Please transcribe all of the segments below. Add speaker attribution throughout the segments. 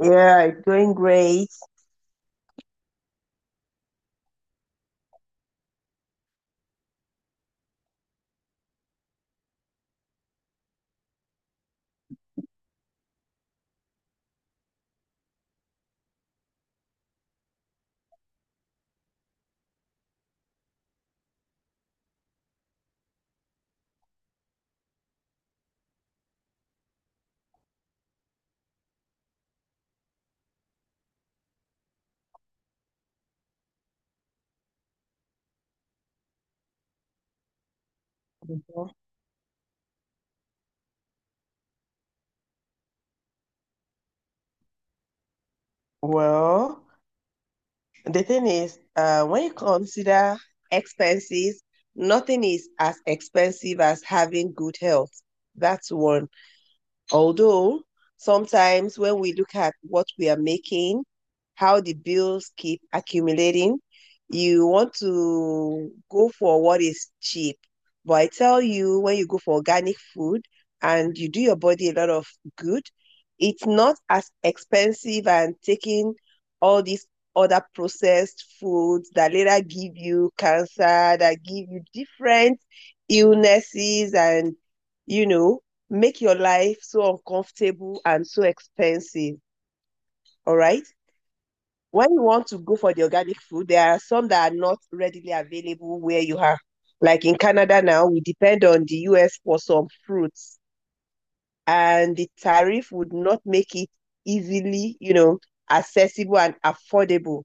Speaker 1: Yeah, going great. Mhm. Well, the thing is, when you consider expenses, nothing is as expensive as having good health. That's one. Although sometimes when we look at what we are making, how the bills keep accumulating, you want to go for what is cheap. But I tell you, when you go for organic food and you do your body a lot of good, it's not as expensive and taking all these other processed foods that later give you cancer, that give you different illnesses and, you know, make your life so uncomfortable and so expensive. All right. When you want to go for the organic food, there are some that are not readily available where you are. Like in Canada now, we depend on the US for some fruits, and the tariff would not make it easily, you know, accessible and affordable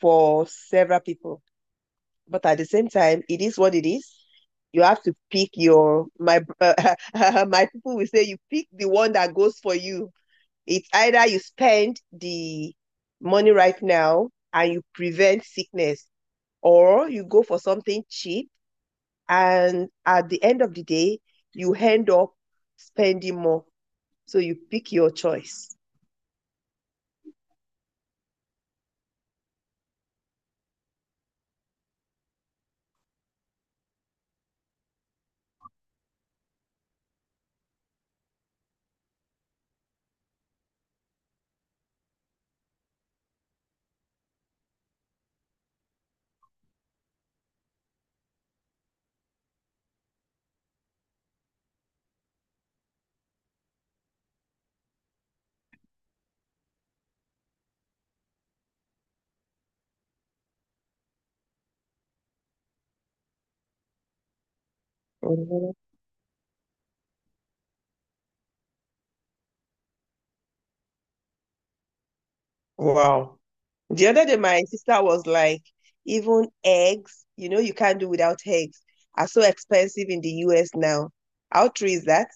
Speaker 1: for several people. But at the same time, it is what it is. You have to pick your my my people will say you pick the one that goes for you. It's either you spend the money right now and you prevent sickness, or you go for something cheap and at the end of the day, you end up spending more. So you pick your choice. Mhm. Wow. The other day, my sister was like, even eggs, you know, you can't do without eggs, are so expensive in the US now. How true is that?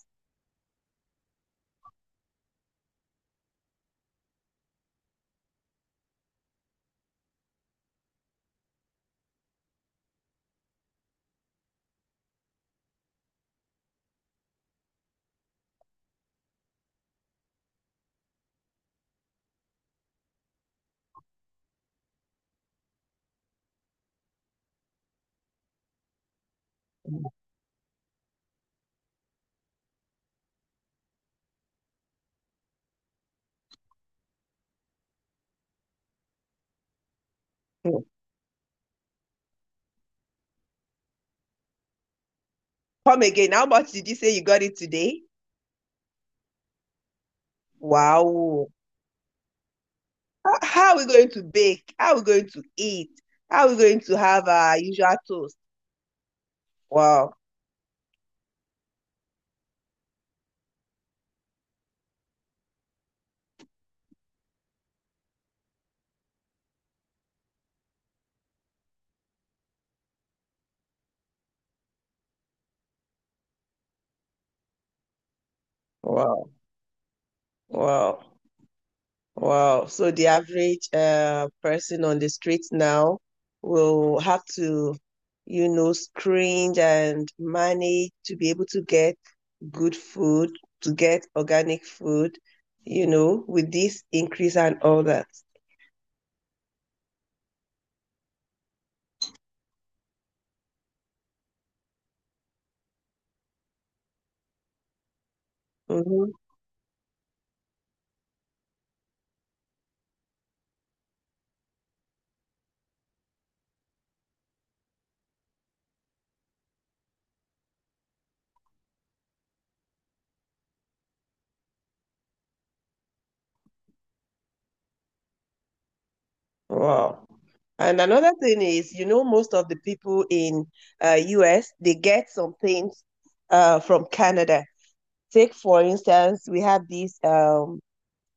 Speaker 1: Mm-hmm. Come again. How much did you say you got it today? Wow. How are we going to bake? How are we going to eat? How are we going to have our usual toast? Wow, wow, wow, wow. So the average person on the street now will have to, you know, screen and manage to be able to get good food, to get organic food, you know, with this increase and all that. Mhm. Wow. And another thing is, you know, most of the people in US, they get some things from Canada. Take, for instance, we have this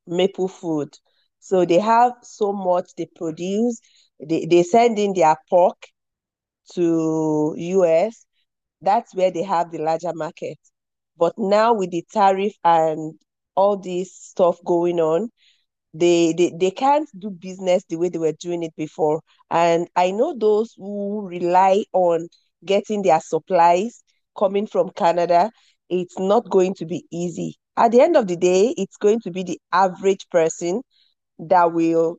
Speaker 1: maple food. So they have so much they produce. They send in their pork to US. That's where they have the larger market. But now with the tariff and all this stuff going on, they can't do business the way they were doing it before. And I know those who rely on getting their supplies coming from Canada, it's not going to be easy. At the end of the day, it's going to be the average person that will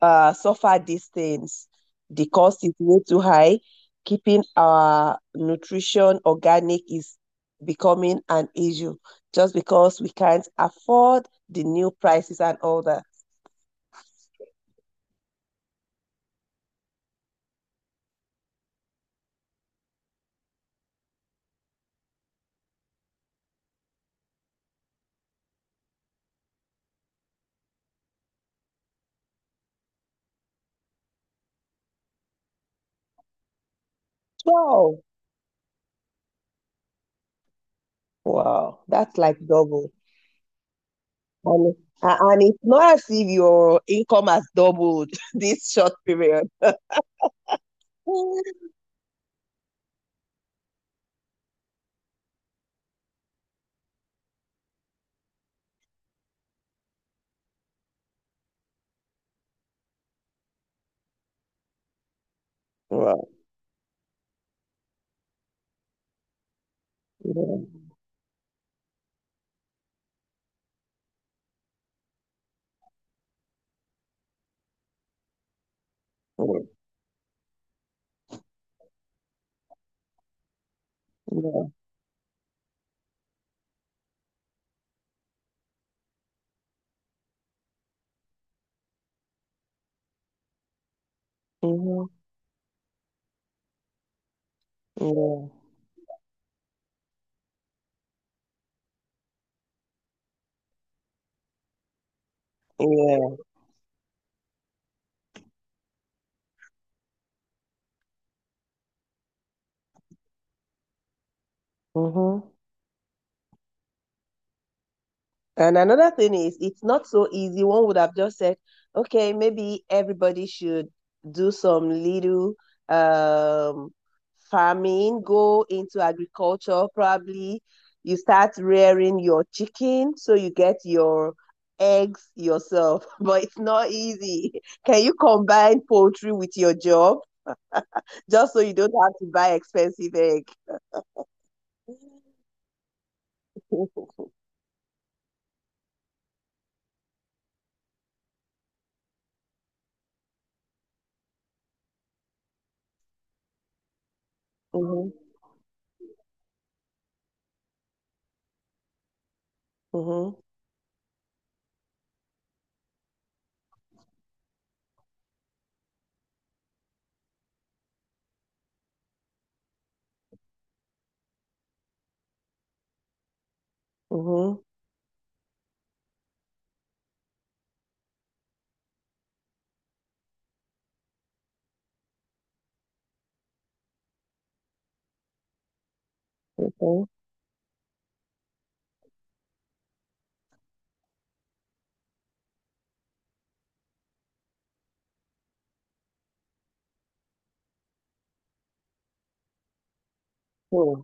Speaker 1: suffer these things. The cost is way too high. Keeping our nutrition organic is becoming an issue just because we can't afford the new prices and all that. Wow. Wow. That's like double. And, and it's not as if your income has doubled this short period. Wow. Yeah. Yeah. Yeah. Mhm. Yeah. Yeah. Mhm. And another thing is, it's not so easy. One would have just said, okay, maybe everybody should do some little um, farming, go into agriculture, probably. You start rearing your chicken so you get your eggs yourself, but it's not easy. Can you combine poultry with your job just so you don't have to buy expensive egg? Mm-hmm. Mm-hmm. Mm-hmm. Okay. Hmm.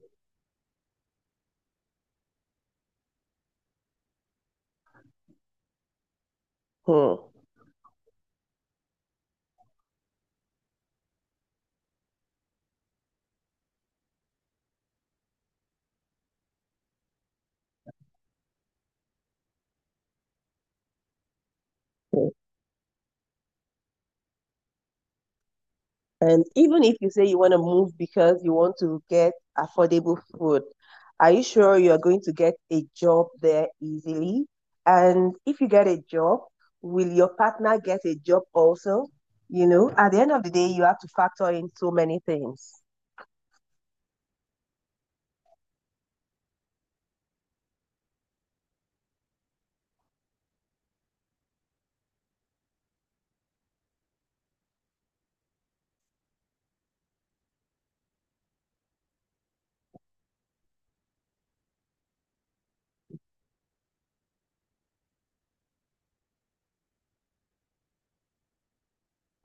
Speaker 1: Hmm. And even if you say you want to move because you want to get affordable food, are you sure you're going to get a job there easily? And if you get a job, will your partner get a job also? You know, at the end of the day, you have to factor in so many things.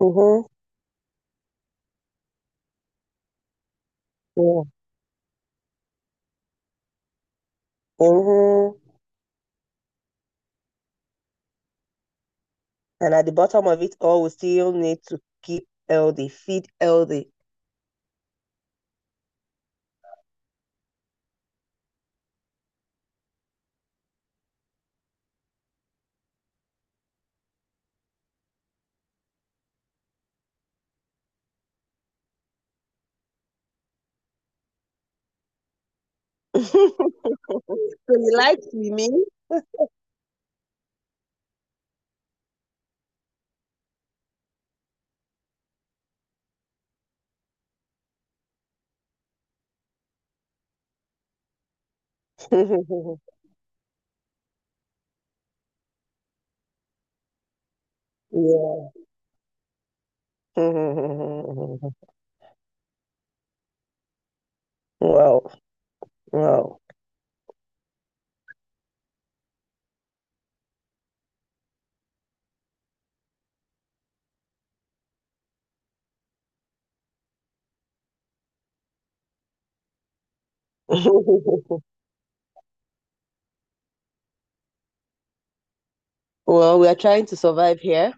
Speaker 1: Mm-hmm. Yeah. Mm-hmm. And at the bottom of it all, we still need to keep healthy, feed healthy. So you like swimming? Yeah. Wow. Wow. Well, we are trying to survive here,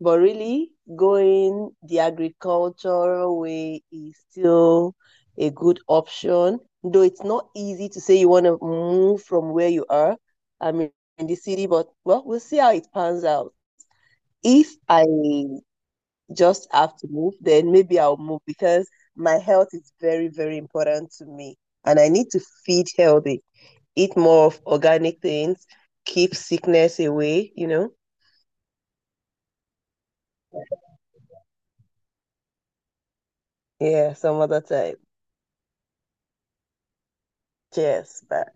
Speaker 1: but really going the agricultural way is still a good option, though it's not easy to say you want to move from where you are. I mean, in the city, but well, we'll see how it pans out. If I just have to move, then maybe I'll move because my health is very, very important to me and I need to feed healthy. Eat more of organic things, keep sickness away, you know? Yeah, some other time. Cheers. Bye.